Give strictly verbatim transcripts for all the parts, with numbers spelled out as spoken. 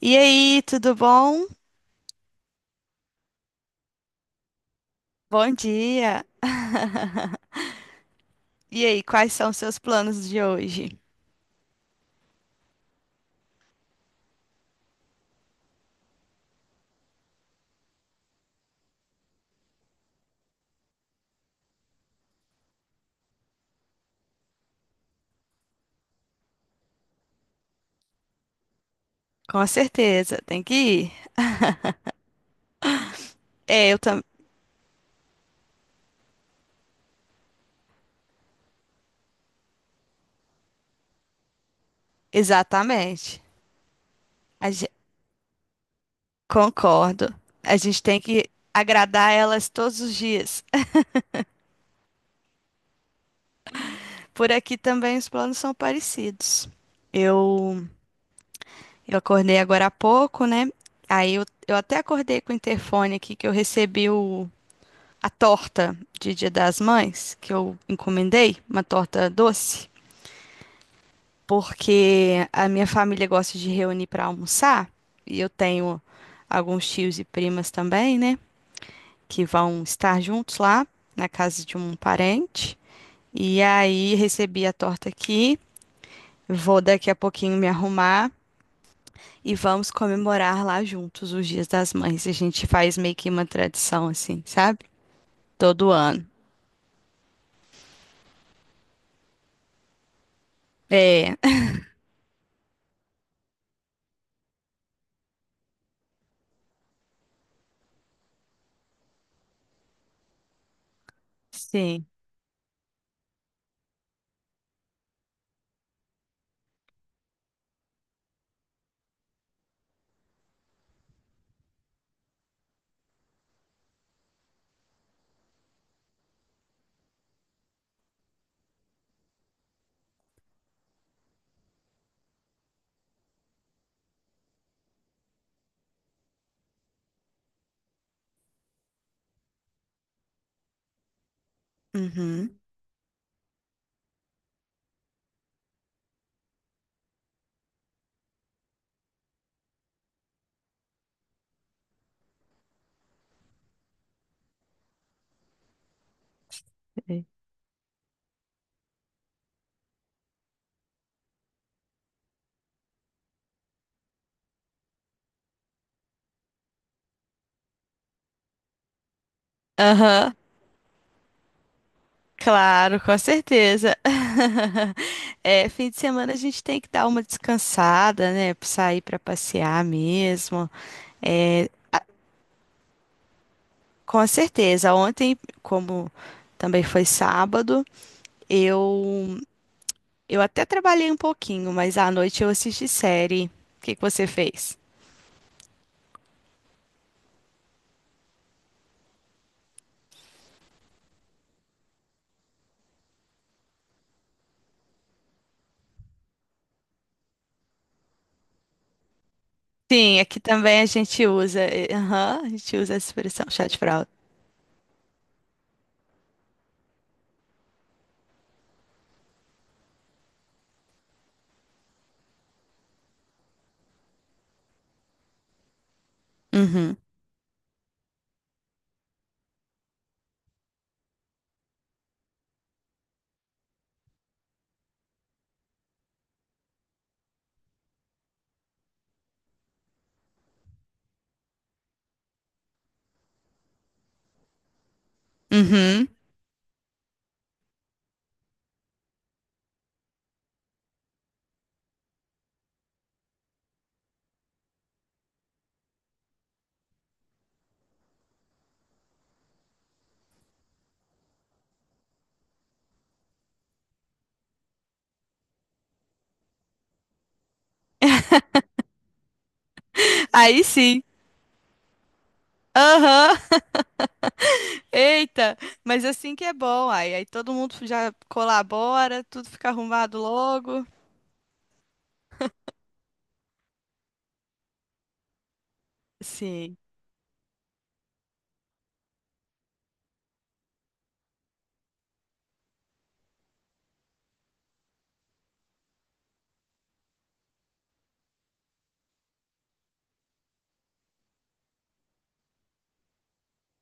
E aí, tudo bom? Bom dia. E aí, quais são os seus planos de hoje? Com certeza, tem que ir. É, eu também. Exatamente. A ge- Concordo. A gente tem que agradar elas todos os dias. Por aqui também os planos são parecidos. Eu, eu acordei agora há pouco, né? Aí eu, eu até acordei com o interfone aqui que eu recebi o, a torta de Dia das Mães, que eu encomendei, uma torta doce. Porque a minha família gosta de reunir para almoçar e eu tenho alguns tios e primas também, né, que vão estar juntos lá na casa de um parente. E aí recebi a torta aqui, vou daqui a pouquinho me arrumar e vamos comemorar lá juntos os Dias das Mães. A gente faz meio que uma tradição assim, sabe? Todo ano. É, sim. Uhum. É. Aham. Claro, com certeza. É, fim de semana a gente tem que dar uma descansada, né? Sair para passear mesmo. É, com certeza. Ontem, como também foi sábado, eu eu até trabalhei um pouquinho, mas à noite eu assisti série. O que que você fez? Sim, aqui também a gente usa, eh, aham, a gente usa essa expressão, chá de fralda. Uhum, uhum. Aí sim. Aham. Eita, mas assim que é bom, aí, aí todo mundo já colabora, tudo fica arrumado logo. Sim.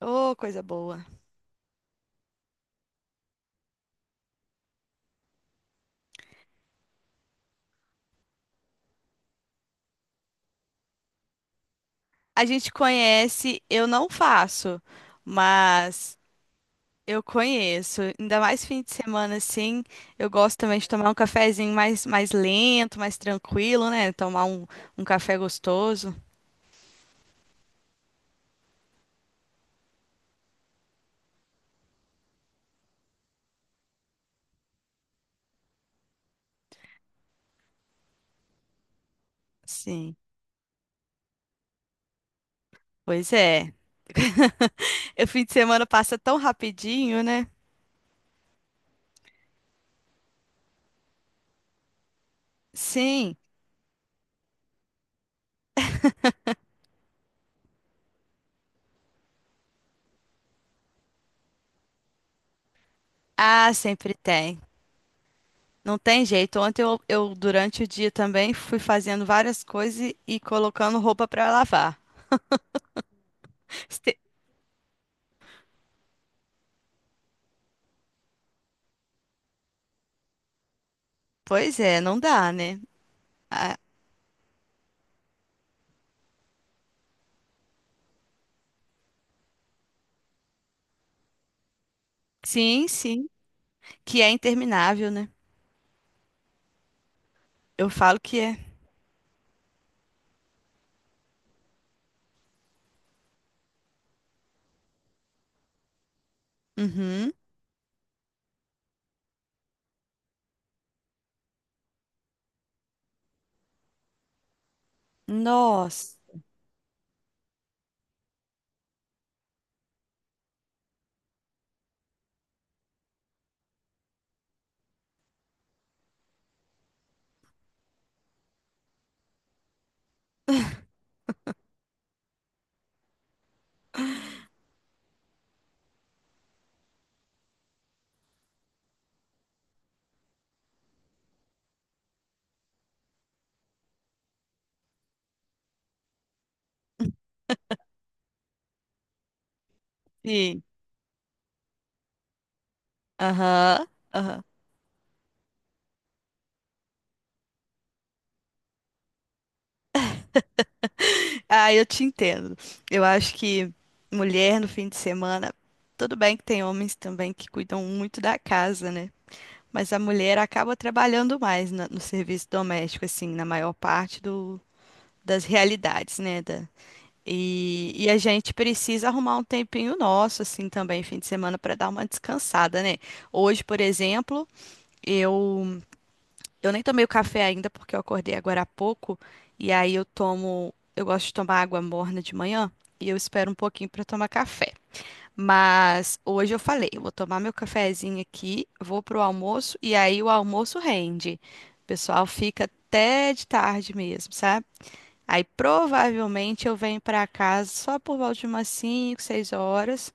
Ô, coisa boa. A gente conhece, eu não faço, mas eu conheço. Ainda mais fim de semana assim, eu gosto também de tomar um cafezinho mais, mais lento, mais tranquilo, né? Tomar um, um café gostoso. Sim, pois é. O fim de semana passa tão rapidinho, né? Sim. Ah, sempre tem. Não tem jeito. Ontem eu, eu, durante o dia também, fui fazendo várias coisas e e colocando roupa para lavar. Este- Pois é, não dá, né? Ah, sim, sim. Que é interminável, né? Eu falo que é. Uhum. Nossa. Sim. Aham. Aham. Ah, eu te entendo. Eu acho que mulher no fim de semana, tudo bem que tem homens também que cuidam muito da casa, né? Mas a mulher acaba trabalhando mais na- no serviço doméstico, assim, na maior parte do das realidades, né? da- e, e a gente precisa arrumar um tempinho nosso, assim, também, fim de semana, para dar uma descansada, né? Hoje, por exemplo, eu, eu nem tomei o café ainda porque eu acordei agora há pouco, e aí eu tomo, eu gosto de tomar água morna de manhã. E eu espero um pouquinho para tomar café. Mas hoje eu falei, eu vou tomar meu cafezinho aqui, vou pro almoço e aí o almoço rende. O pessoal fica até de tarde mesmo, sabe? Aí provavelmente eu venho para casa só por volta de umas cinco, seis horas.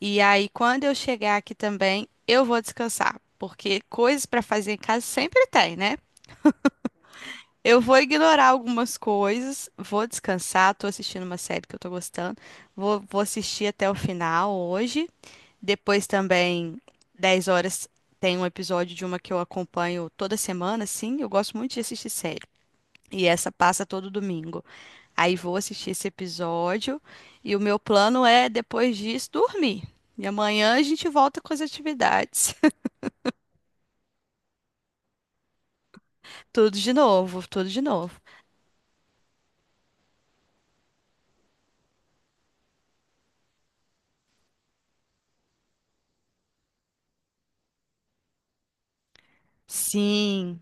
E aí quando eu chegar aqui também, eu vou descansar, porque coisas para fazer em casa sempre tem, né? Eu vou ignorar algumas coisas, vou descansar, tô assistindo uma série que eu tô gostando. Vou, vou assistir até o final hoje. Depois também, dez horas, tem um episódio de uma que eu acompanho toda semana, assim. Eu gosto muito de assistir série. E essa passa todo domingo. Aí vou assistir esse episódio e o meu plano é, depois disso, dormir. E amanhã a gente volta com as atividades. Tudo de novo, tudo de novo. Sim,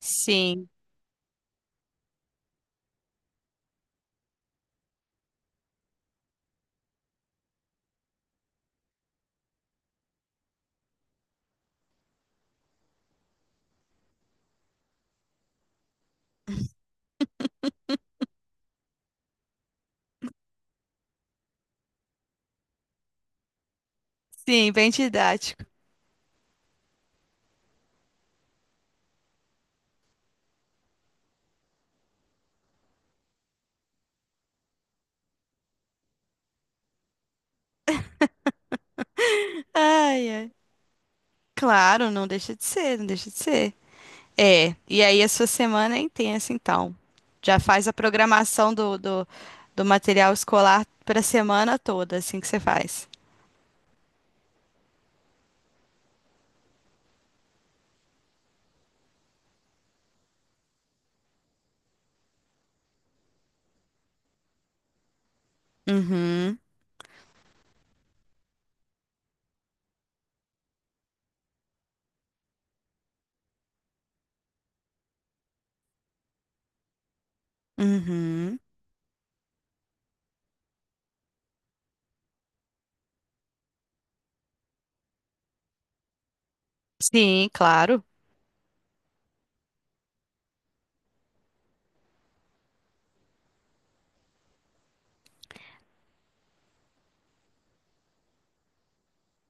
sim, sim, bem didático. Ai, ai. Claro, não deixa de ser, não deixa de ser. É, e aí a sua semana é intensa, então. Já faz a programação do, do, do material escolar para a semana toda, assim que você faz. Uhum, uhum. Sim, claro.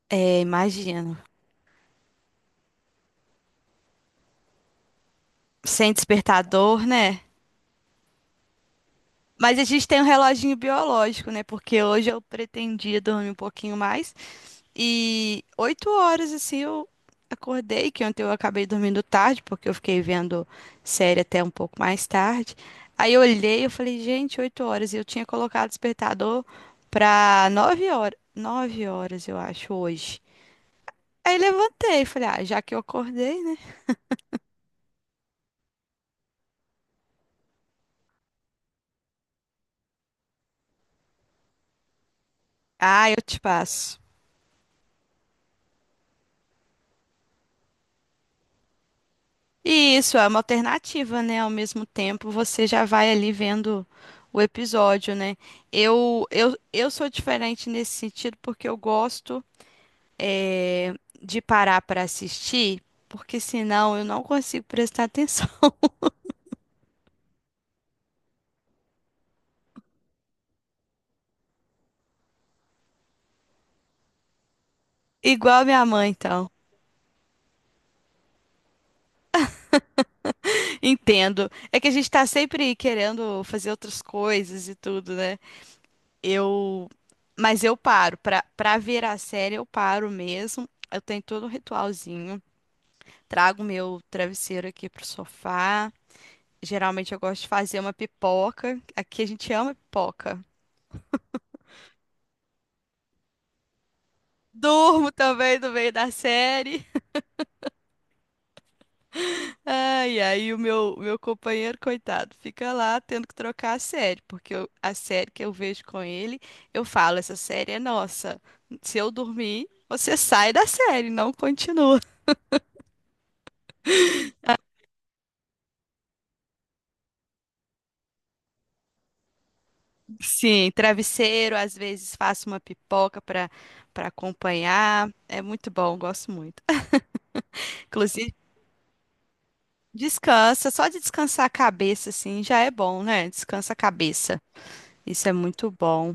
É, imagino. Sem despertador, né? Mas a gente tem um reloginho biológico, né? Porque hoje eu pretendia dormir um pouquinho mais. E oito horas, assim, eu acordei, que ontem eu acabei dormindo tarde, porque eu fiquei vendo série até um pouco mais tarde. Aí eu olhei, eu falei, gente, oito horas. E eu tinha colocado despertador pra nove horas. Nove horas, eu acho, hoje. Aí levantei, falei, ah, já que eu acordei, né? Ah, eu te passo. E isso é uma alternativa, né? Ao mesmo tempo, você já vai ali vendo o episódio, né? Eu, eu, eu sou diferente nesse sentido porque eu gosto eh, de parar para assistir, porque senão eu não consigo prestar atenção. Igual a minha mãe, então. Entendo. É que a gente tá sempre querendo fazer outras coisas e tudo, né? Eu, mas eu paro. Pra, pra ver a série, eu paro mesmo. Eu tenho todo um ritualzinho. Trago meu travesseiro aqui pro sofá. Geralmente eu gosto de fazer uma pipoca. Aqui a gente ama pipoca. Durmo também no meio da série. Ai, aí o meu, meu companheiro, coitado, fica lá tendo que trocar a série, porque eu- a série que eu vejo com ele, eu falo, essa série é nossa. Se eu dormir, você sai da série, não continua. Sim, travesseiro, às vezes faço uma pipoca para para acompanhar. É muito bom, gosto muito. Inclusive, descansa, só de descansar a cabeça, assim, já é bom, né? Descansa a cabeça. Isso é muito bom.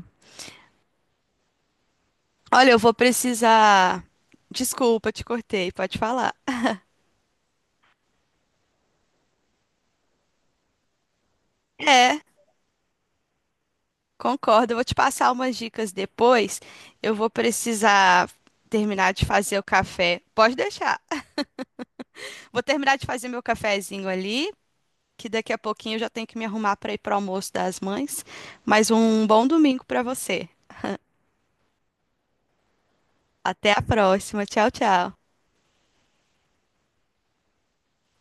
Olha, eu vou precisar. Desculpa, te cortei, pode falar. É, concordo. Eu vou te passar umas dicas depois. Eu vou precisar terminar de fazer o café. Pode deixar. Vou terminar de fazer meu cafezinho ali, que daqui a pouquinho eu já tenho que me arrumar para ir para o almoço das mães. Mas um bom domingo para você. Até a próxima. Tchau, tchau.